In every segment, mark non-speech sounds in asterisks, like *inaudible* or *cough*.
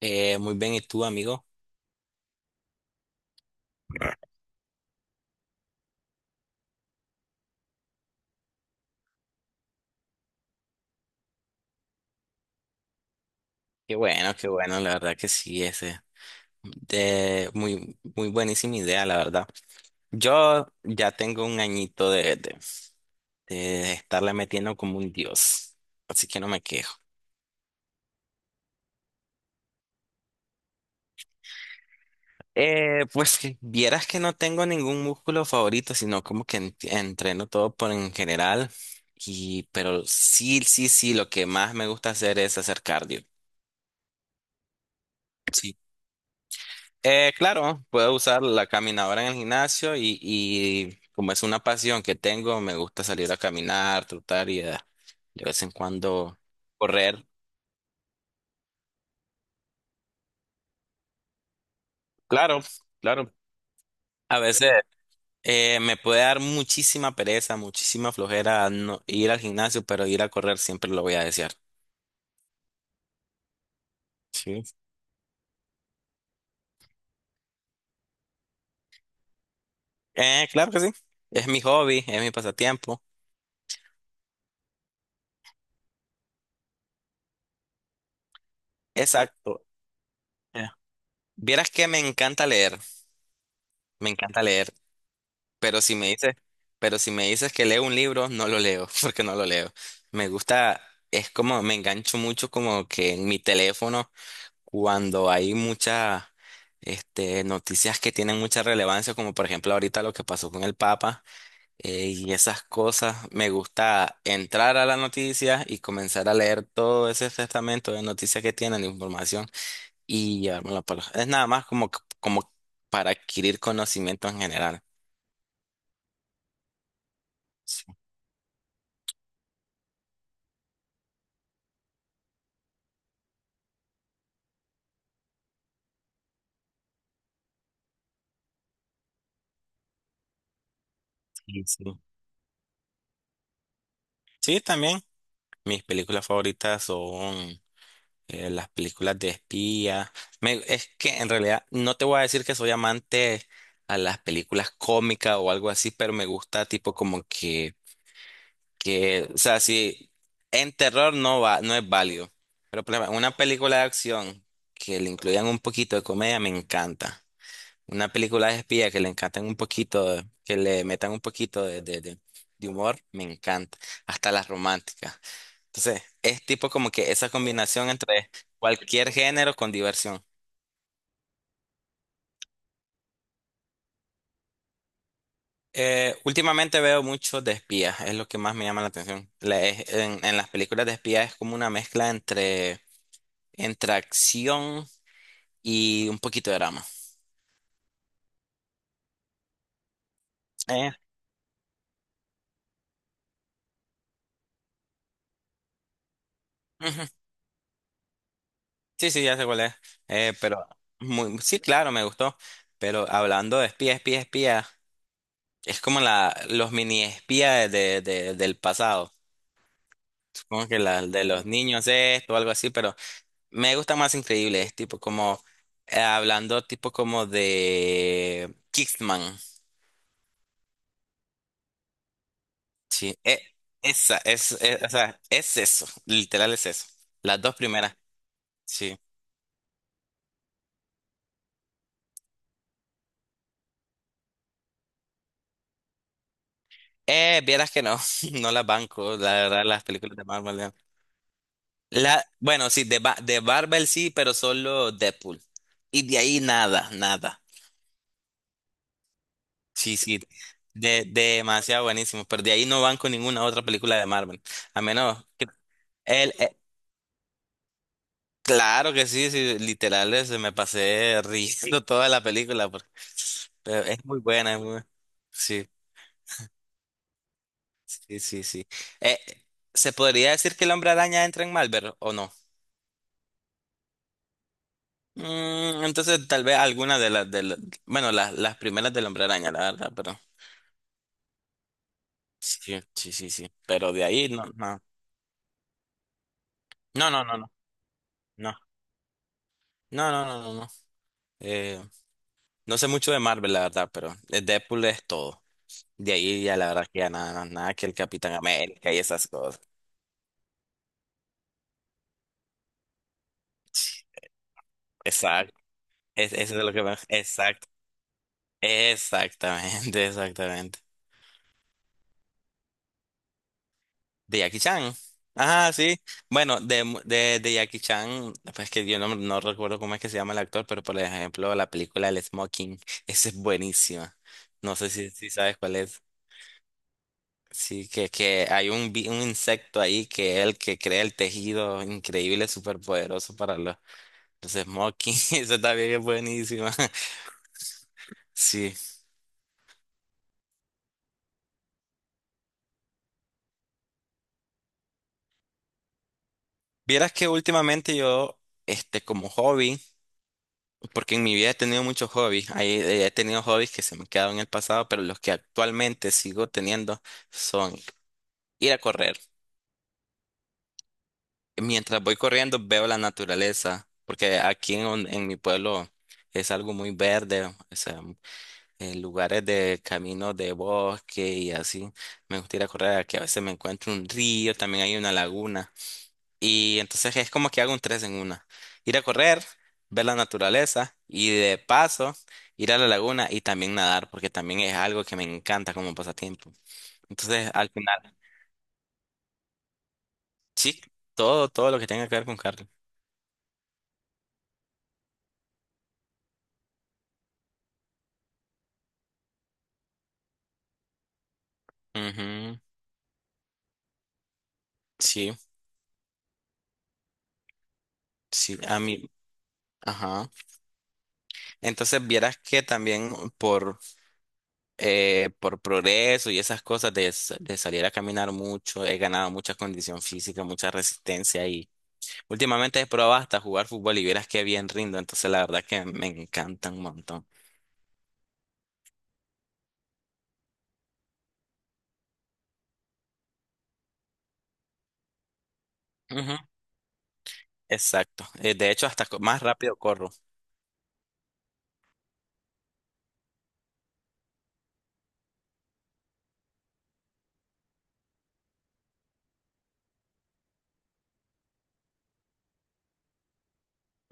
Muy bien, ¿y tú, amigo? Qué bueno, la verdad que sí, ese. De, muy, muy buenísima idea, la verdad. Yo ya tengo un añito de estarle metiendo como un dios, así que no me quejo. Pues que vieras que no tengo ningún músculo favorito, sino como que entreno todo por en general. Y pero sí, sí, sí, lo que más me gusta hacer es hacer cardio. Sí. Claro, puedo usar la caminadora en el gimnasio, y como es una pasión que tengo, me gusta salir a caminar, trotar y, de vez en cuando, correr. Claro, claro. A veces, me puede dar muchísima pereza, muchísima flojera no ir al gimnasio, pero ir a correr siempre lo voy a desear. Sí. Claro que sí, es mi hobby, es mi pasatiempo. Exacto. Eh, Vieras que me encanta leer, me encanta leer. Pero si me dices, pero si me dices que leo un libro, no lo leo, *laughs* porque no lo leo. Me gusta, es como, me engancho mucho como que en mi teléfono, cuando hay muchas, noticias que tienen mucha relevancia, como por ejemplo ahorita lo que pasó con el Papa, y esas cosas. Me gusta entrar a la noticia y comenzar a leer todo ese testamento de noticias que tienen, de información, y llevármelo para. Es nada más como para adquirir conocimiento en general. Sí, sí. Sí, también. Mis películas favoritas son, las películas de espía. Es que en realidad no te voy a decir que soy amante a las películas cómicas o algo así, pero me gusta tipo como que, o sea, si en terror no va, no es válido. Pero por ejemplo, una película de acción que le incluyan un poquito de comedia me encanta. Una película de espía que le encantan un poquito, que le metan un poquito de humor, me encanta. Hasta las románticas. Entonces es tipo como que esa combinación entre cualquier género con diversión. Últimamente veo mucho de espías, es lo que más me llama la atención. En las películas de espías es como una mezcla entre acción y un poquito de drama. Eh, Ujú. Sí, sí, ya sé cuál es. Eh, pero sí, claro, me gustó. Pero hablando de espía, espía, espía, es como los mini espías del pasado. Supongo que la de los niños esto o algo así, pero me gusta más increíbles, tipo como, hablando tipo como de Kickman. Sí, esa es, o sea, es eso, literal es eso. Las dos primeras, sí. Vieras que no, *laughs* no las banco, la verdad, las películas de Marvel. No. La, bueno, sí, de Marvel sí, pero solo Deadpool. Y de ahí nada, nada. Sí, sí, demasiado buenísimo, pero de ahí no banco ninguna otra película de Marvel. A menos que. El, e, Claro que sí, sí, literal, se me pasé riendo. Sí. Toda la película, pero es muy buena, es muy buena. Sí, sí, sí, sí. Eh, ¿Se podría decir que el hombre araña entra en Marvel o no? Entonces tal vez alguna de las, de la- bueno, las primeras del hombre araña, la verdad, pero sí, sí, sí, sí. Pero de ahí no, no, no, no, no, no, no, no, no, no, no, no. Eh, no sé mucho de Marvel, la verdad, pero de Deadpool es todo. De ahí ya la verdad que ya nada, nada, que el Capitán América y esas cosas. Exacto. Eso es lo que pasa. Exacto. Exactamente, *laughs* exactamente. De Jackie Chan. Ajá, sí. Bueno, de Jackie Chan, pues que yo no recuerdo cómo es que se llama el actor, pero por ejemplo, la película El Smoking, esa es buenísima. No sé si sabes cuál es. Sí, que hay un insecto ahí que es el que crea el tejido increíble, súper poderoso para los Smoking. *laughs* Eso también es buenísima. *laughs* Sí. Vieras que últimamente yo, como hobby. Porque en mi vida he tenido muchos hobbies. He tenido hobbies que se me quedaron en el pasado, pero los que actualmente sigo teniendo son ir a correr. Mientras voy corriendo veo la naturaleza, porque aquí en mi pueblo es algo muy verde, o sea, lugares de caminos de bosque y así. Me gusta ir a correr, aquí a veces me encuentro un río, también hay una laguna. Y entonces es como que hago un tres en una. Ir a correr, ver la naturaleza y de paso ir a la laguna y también nadar, porque también es algo que me encanta como pasatiempo. Entonces al final, sí, todo lo que tenga que ver con cardio. Ujú. Sí, sí, a mí. Ajá. Entonces vieras que también por, por progreso y esas cosas de salir a caminar mucho, he ganado mucha condición física, mucha resistencia y, últimamente, he probado hasta jugar fútbol y vieras qué bien rindo, entonces la verdad que me encanta un montón. Ujú. Exacto. De hecho, hasta más rápido corro.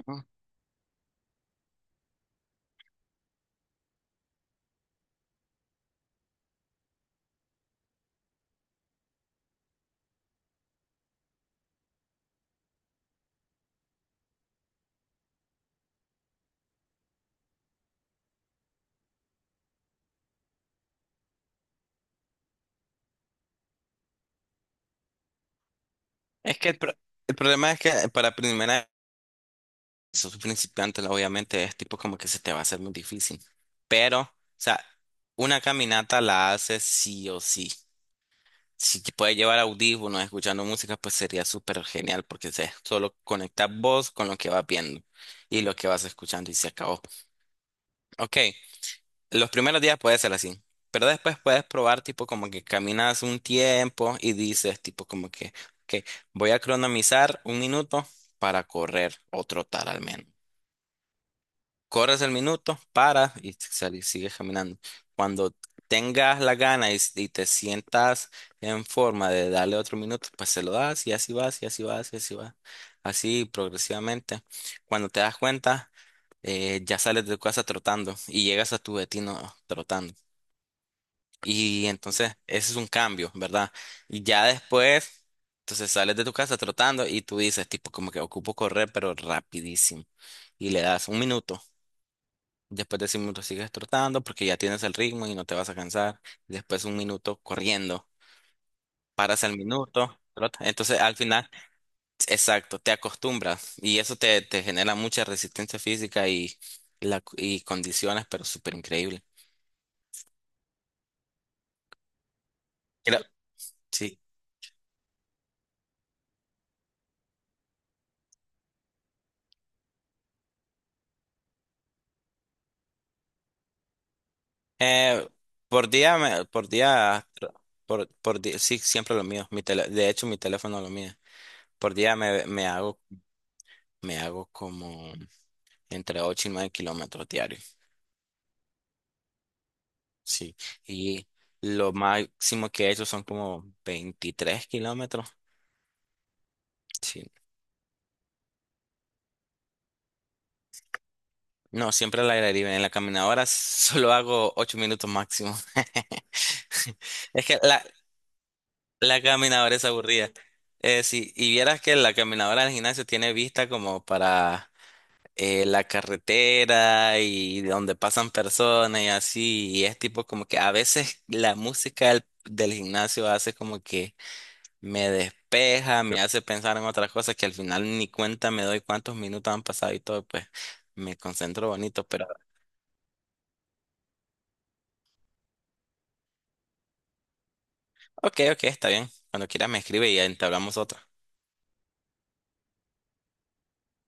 Ujú. Es que el problema es que para primera vez, sos principiante, obviamente es tipo como que se te va a hacer muy difícil. Pero, o sea, una caminata la haces sí o sí. Si te puedes llevar audífonos escuchando música, pues sería súper genial, porque es solo conectar vos con lo que vas viendo y lo que vas escuchando, y se acabó. Ok. Los primeros días puede ser así, pero después puedes probar tipo como que caminas un tiempo y dices tipo como que, ok, voy a cronomizar un minuto para correr o trotar al menos. Corres el minuto, para y sigues caminando. Cuando tengas la gana y te sientas en forma de darle otro minuto, pues se lo das y así vas y así vas y así vas. Así progresivamente. Cuando te das cuenta, ya sales de tu casa trotando y llegas a tu destino trotando. Y entonces ese es un cambio, ¿verdad? Y ya después, entonces sales de tu casa trotando y tú dices tipo como que ocupo correr, pero rapidísimo. Y le das un minuto. Después de ese minuto sigues trotando porque ya tienes el ritmo y no te vas a cansar. Después, un minuto corriendo. Paras el minuto, trotas. Entonces al final, exacto, te acostumbras. Y eso te genera mucha resistencia física y condiciones, pero súper increíble. Creo- Sí. Eh, por día, por día, por día, sí, siempre lo mío. De hecho, mi teléfono lo mío. Por día me hago como entre 8 y 9 kilómetros diarios. Sí. Y lo máximo que he hecho son como 23 kilómetros. Sí. No, siempre al aire libre. En la caminadora, *laughs* solo hago 8 minutos máximo. *laughs* Es que la caminadora es aburrida. Sí, y vieras que la caminadora del gimnasio tiene vista como para, la carretera, y donde pasan personas y así. Y es tipo como que a veces la música del gimnasio hace como que me despeja, me hace pensar en otras cosas, que al final ni cuenta me doy cuántos minutos han pasado y todo, pues me concentro bonito. Pero ok, ok, está bien. Cuando quieras me escribe y entablamos otra.